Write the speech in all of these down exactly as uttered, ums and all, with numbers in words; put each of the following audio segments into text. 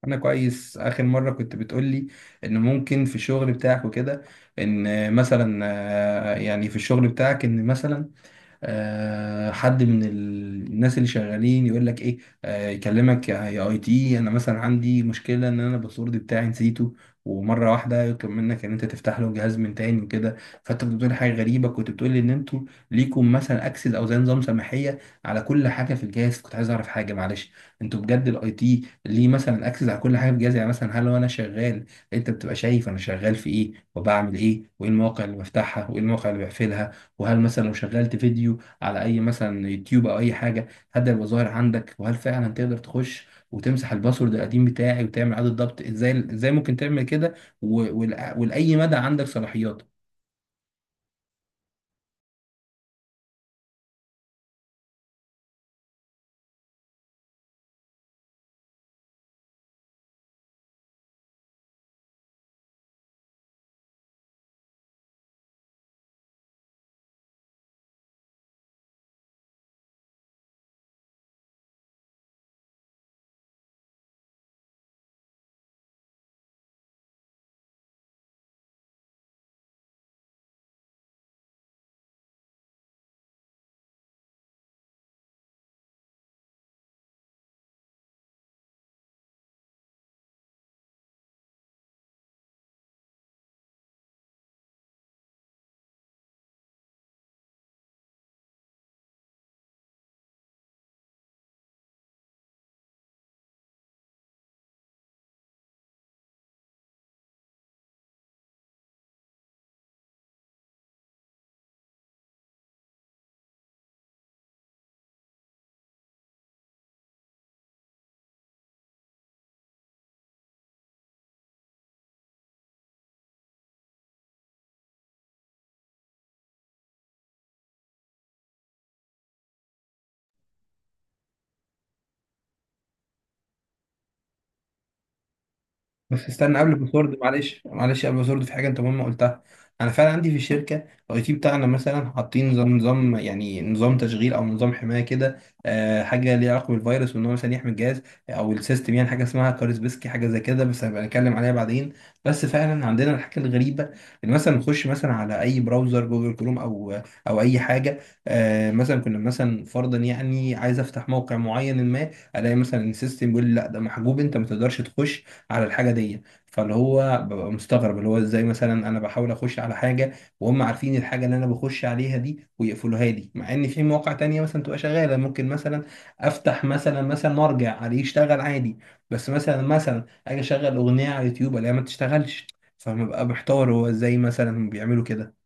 انا كويس. اخر مره كنت بتقولي ان ممكن في الشغل بتاعك وكده، ان مثلا، آه، يعني في الشغل بتاعك ان مثلا آه، حد من ال- الناس اللي شغالين يقول لك ايه، آه، يكلمك يا يا اي تي، انا مثلا عندي مشكله ان انا الباسورد بتاعي نسيته. ومره واحده يطلب منك ان انت تفتح له جهاز من تاني وكده. فانت كنت بتقول حاجه غريبه، كنت بتقول لي ان انتوا ليكم مثلا اكسس او زي نظام سماحيه على كل حاجه في الجهاز. كنت عايز اعرف حاجه، معلش، انتوا بجد الاي تي ليه مثلا اكسس على كل حاجه في الجهاز؟ يعني مثلا هل لو انا شغال انت بتبقى شايف انا شغال في ايه وبعمل ايه وايه المواقع اللي بفتحها وايه المواقع اللي بقفلها؟ وهل مثلا لو شغلت فيديو على اي مثلا يوتيوب او اي حاجه، هل ده يبقى ظاهر عندك؟ وهل فعلا تقدر تخش وتمسح الباسورد القديم بتاعي وتعمل اعاده ضبط؟ ازاي ازاي ممكن تعمل كده؟ و- ول- ولاي مدى عندك صلاحيات؟ بس استنى، قبل الباسورد، معلش معلش، قبل الباسورد في حاجه انت مهمه قلتها. انا فعلا عندي في الشركه الاي تي بتاعنا مثلا حاطين نظام، نظام يعني نظام تشغيل او نظام حمايه كده، آه حاجه ليها علاقه بالفيروس وان هو مثلا يحمي الجهاز او السيستم. يعني حاجه اسمها كارسبسكي، حاجه زي كده، بس هبقى نتكلم عليها بعدين. بس فعلا عندنا الحاجه الغريبه ان مثلا نخش مثلا على اي براوزر جوجل كروم او او اي حاجه. آه مثلا كنا مثلا فرضا، يعني عايز افتح موقع معين، ما الاقي مثلا السيستم بيقول لي لا ده محجوب، انت ما تقدرش تخش على الحاجه دي. فاللي هو ببقى مستغرب اللي هو ازاي مثلا انا بحاول اخش على حاجه وهم عارفين الحاجه اللي انا بخش عليها دي ويقفلوها لي، مع ان في مواقع تانية مثلا تبقى شغاله. ممكن مثلا افتح مثلا مثلا وارجع عليه يشتغل عادي، بس مثلا مثلا اجي اشغل اغنيه على اليوتيوب الاقيها ما تشتغلش. فببقى محتار هو ازاي مثلا بيعملوا كده.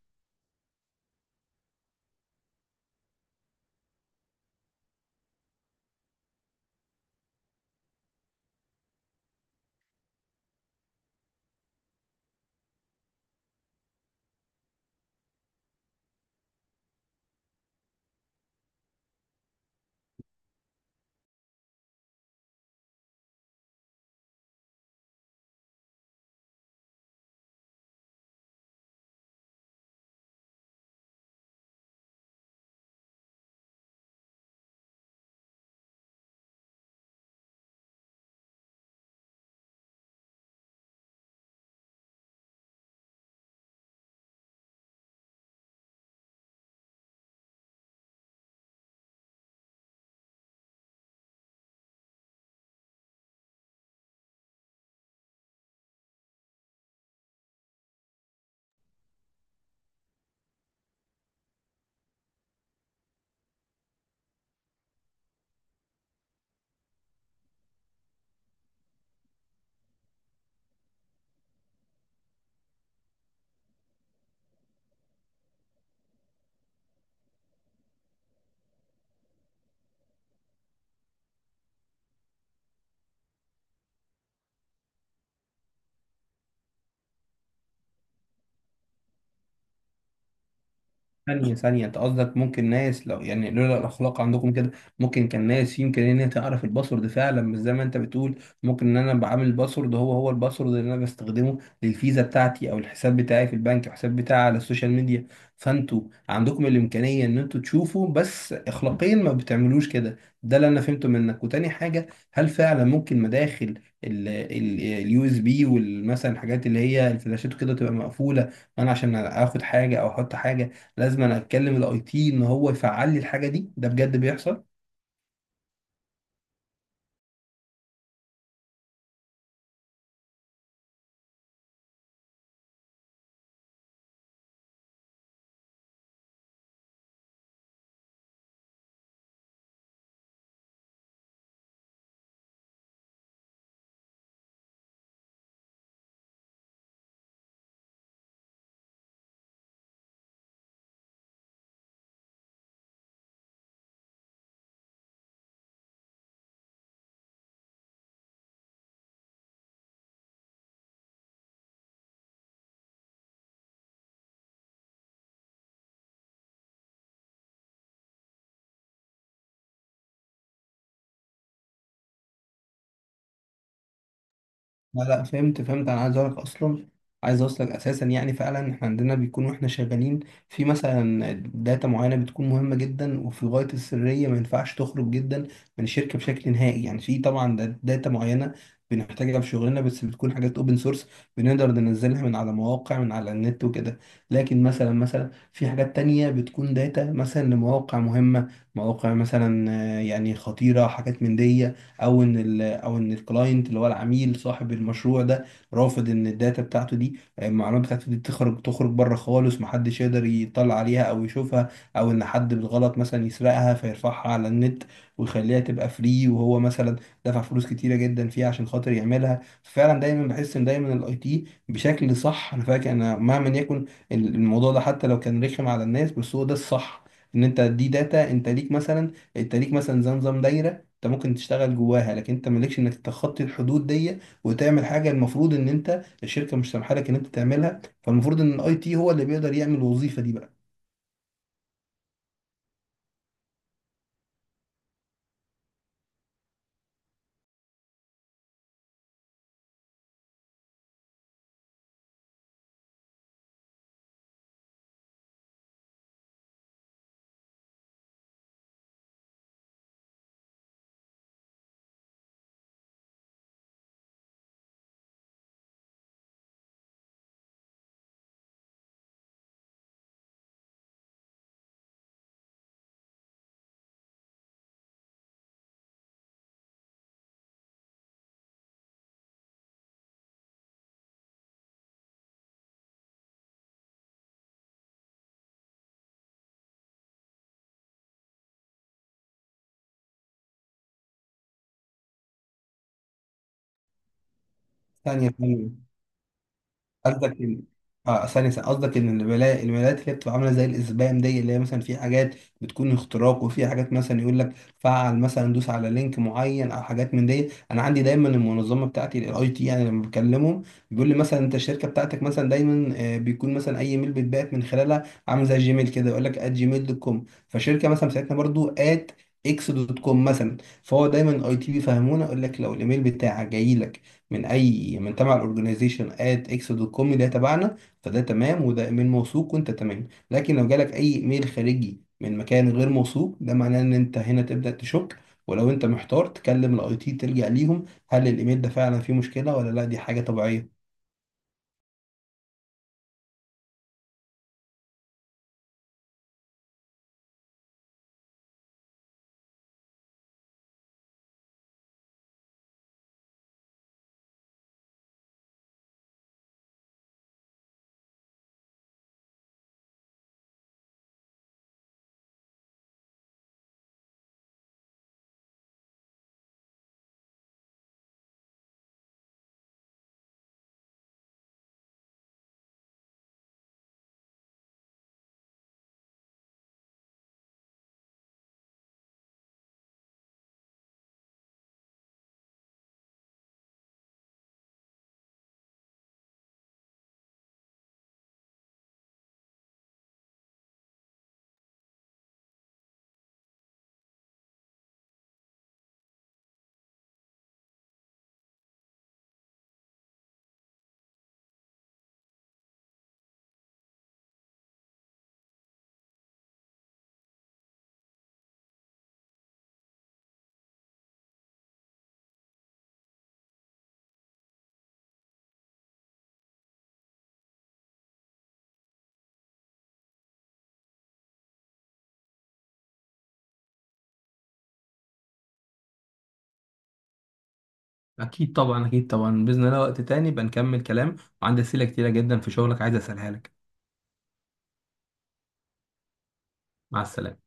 ثانية ثانية، أنت قصدك ممكن ناس لو يعني لولا الأخلاق عندكم كده ممكن كان ناس يمكن إن هي تعرف الباسورد فعلا؟ مش زي ما أنت بتقول، ممكن إن أنا بعمل الباسورد هو هو الباسورد اللي أنا بستخدمه للفيزا بتاعتي أو الحساب بتاعي في البنك او الحساب بتاعي على السوشيال ميديا، فأنتوا عندكم الإمكانية إن أنتوا تشوفوا بس أخلاقيا ما بتعملوش كده. ده اللي أنا فهمته منك. وتاني حاجة، هل فعلا ممكن مداخل اليو اس بي والمثلا الحاجات اللي هي الفلاشات وكده تبقى مقفولة؟ أنا عشان آخد حاجة أو أحط حاجة لازم انا اتكلم الاي تي ان هو يفعل لي الحاجه دي؟ ده بجد بيحصل؟ لا لا، فهمت فهمت، انا عايز اقولك اصلا، عايز اوصلك اساسا، يعني فعلا احنا عندنا بيكون واحنا شغالين في مثلا داتا معينه بتكون مهمه جدا وفي غايه السريه، ما ينفعش تخرج جدا من الشركه بشكل نهائي. يعني في طبعا دا- داتا معينه بنحتاجها في شغلنا بس بتكون حاجات اوبن سورس بنقدر ننزلها من على مواقع من على النت وكده. لكن مثلا مثلا في حاجات تانية بتكون داتا مثلا لمواقع مهمه، مواقع مثلا آه، يعني خطيره، حاجات من دي. او ان ال او ان الكلاينت اللي هو العميل صاحب المشروع ده رافض ان الداتا بتاعته دي المعلومات بتاعته دي تخرج تخرج بره خالص، محدش يقدر يطلع عليها او يشوفها، او ان حد بالغلط مثلا يسرقها فيرفعها على النت ويخليها تبقى فري، وهو مثلا دفع فلوس كتيره جدا فيها عشان خاطر يعملها. فعلا دايما بحس ان دايما الاي تي بشكل صح. انا فاكر انا مهما يكن الموضوع ده حتى لو كان رخم على الناس بس هو ده الصح. ان انت دي داتا، انت ليك مثلا، انت ليك مثلا زي نظام دايره، انت ممكن تشتغل جواها لكن انت مالكش انك تخطي الحدود دي وتعمل حاجه المفروض ان انت الشركه مش سامحه لك ان انت تعملها. فالمفروض ان الاي تي هو اللي بيقدر يعمل الوظيفه دي بقى. ثانيه، قصدك ان، اه، ثانية ثانية. قصدك ان الولايات الولايات اللي هي بتبقى عاملة زي الاسبام دي اللي هي مثلا في حاجات بتكون اختراق وفي حاجات مثلا يقول لك فعل مثلا دوس على لينك معين او حاجات من دي؟ انا عندي دايما المنظمة بتاعتي الاي تي يعني لما بكلمهم بيقول لي مثلا انت الشركة بتاعتك مثلا دايما آه، بيكون مثلا اي ميل بيتبعت من خلالها عامل زي جيميل كده، يقول لك @ات جيميل دوت كوم، جيميل دوت كوم، فالشركة مثلا بتاعتنا برضو @ات اكس دوت كوم، اكس دوت كوم مثلا. فهو دايما الاي تي بيفهمونا يقول لك لو الايميل بتاعك جاي لك من اي من تبع الاورجنايزيشن ات اكس دوت كوم اللي هي تبعنا، فده تمام وده من موثوق وانت تمام. لكن لو جالك اي ايميل خارجي من مكان غير موثوق ده معناه ان انت هنا تبدا تشك. ولو انت محتار تكلم الاي تي تلجأ ليهم هل الايميل ده فعلا فيه مشكله ولا لا؟ دي حاجه طبيعيه. اكيد طبعا، اكيد طبعا، باذن الله وقت تاني بنكمل كلام، وعندي اسئله كتيره جدا في شغلك عايز اسالها لك. مع السلامه.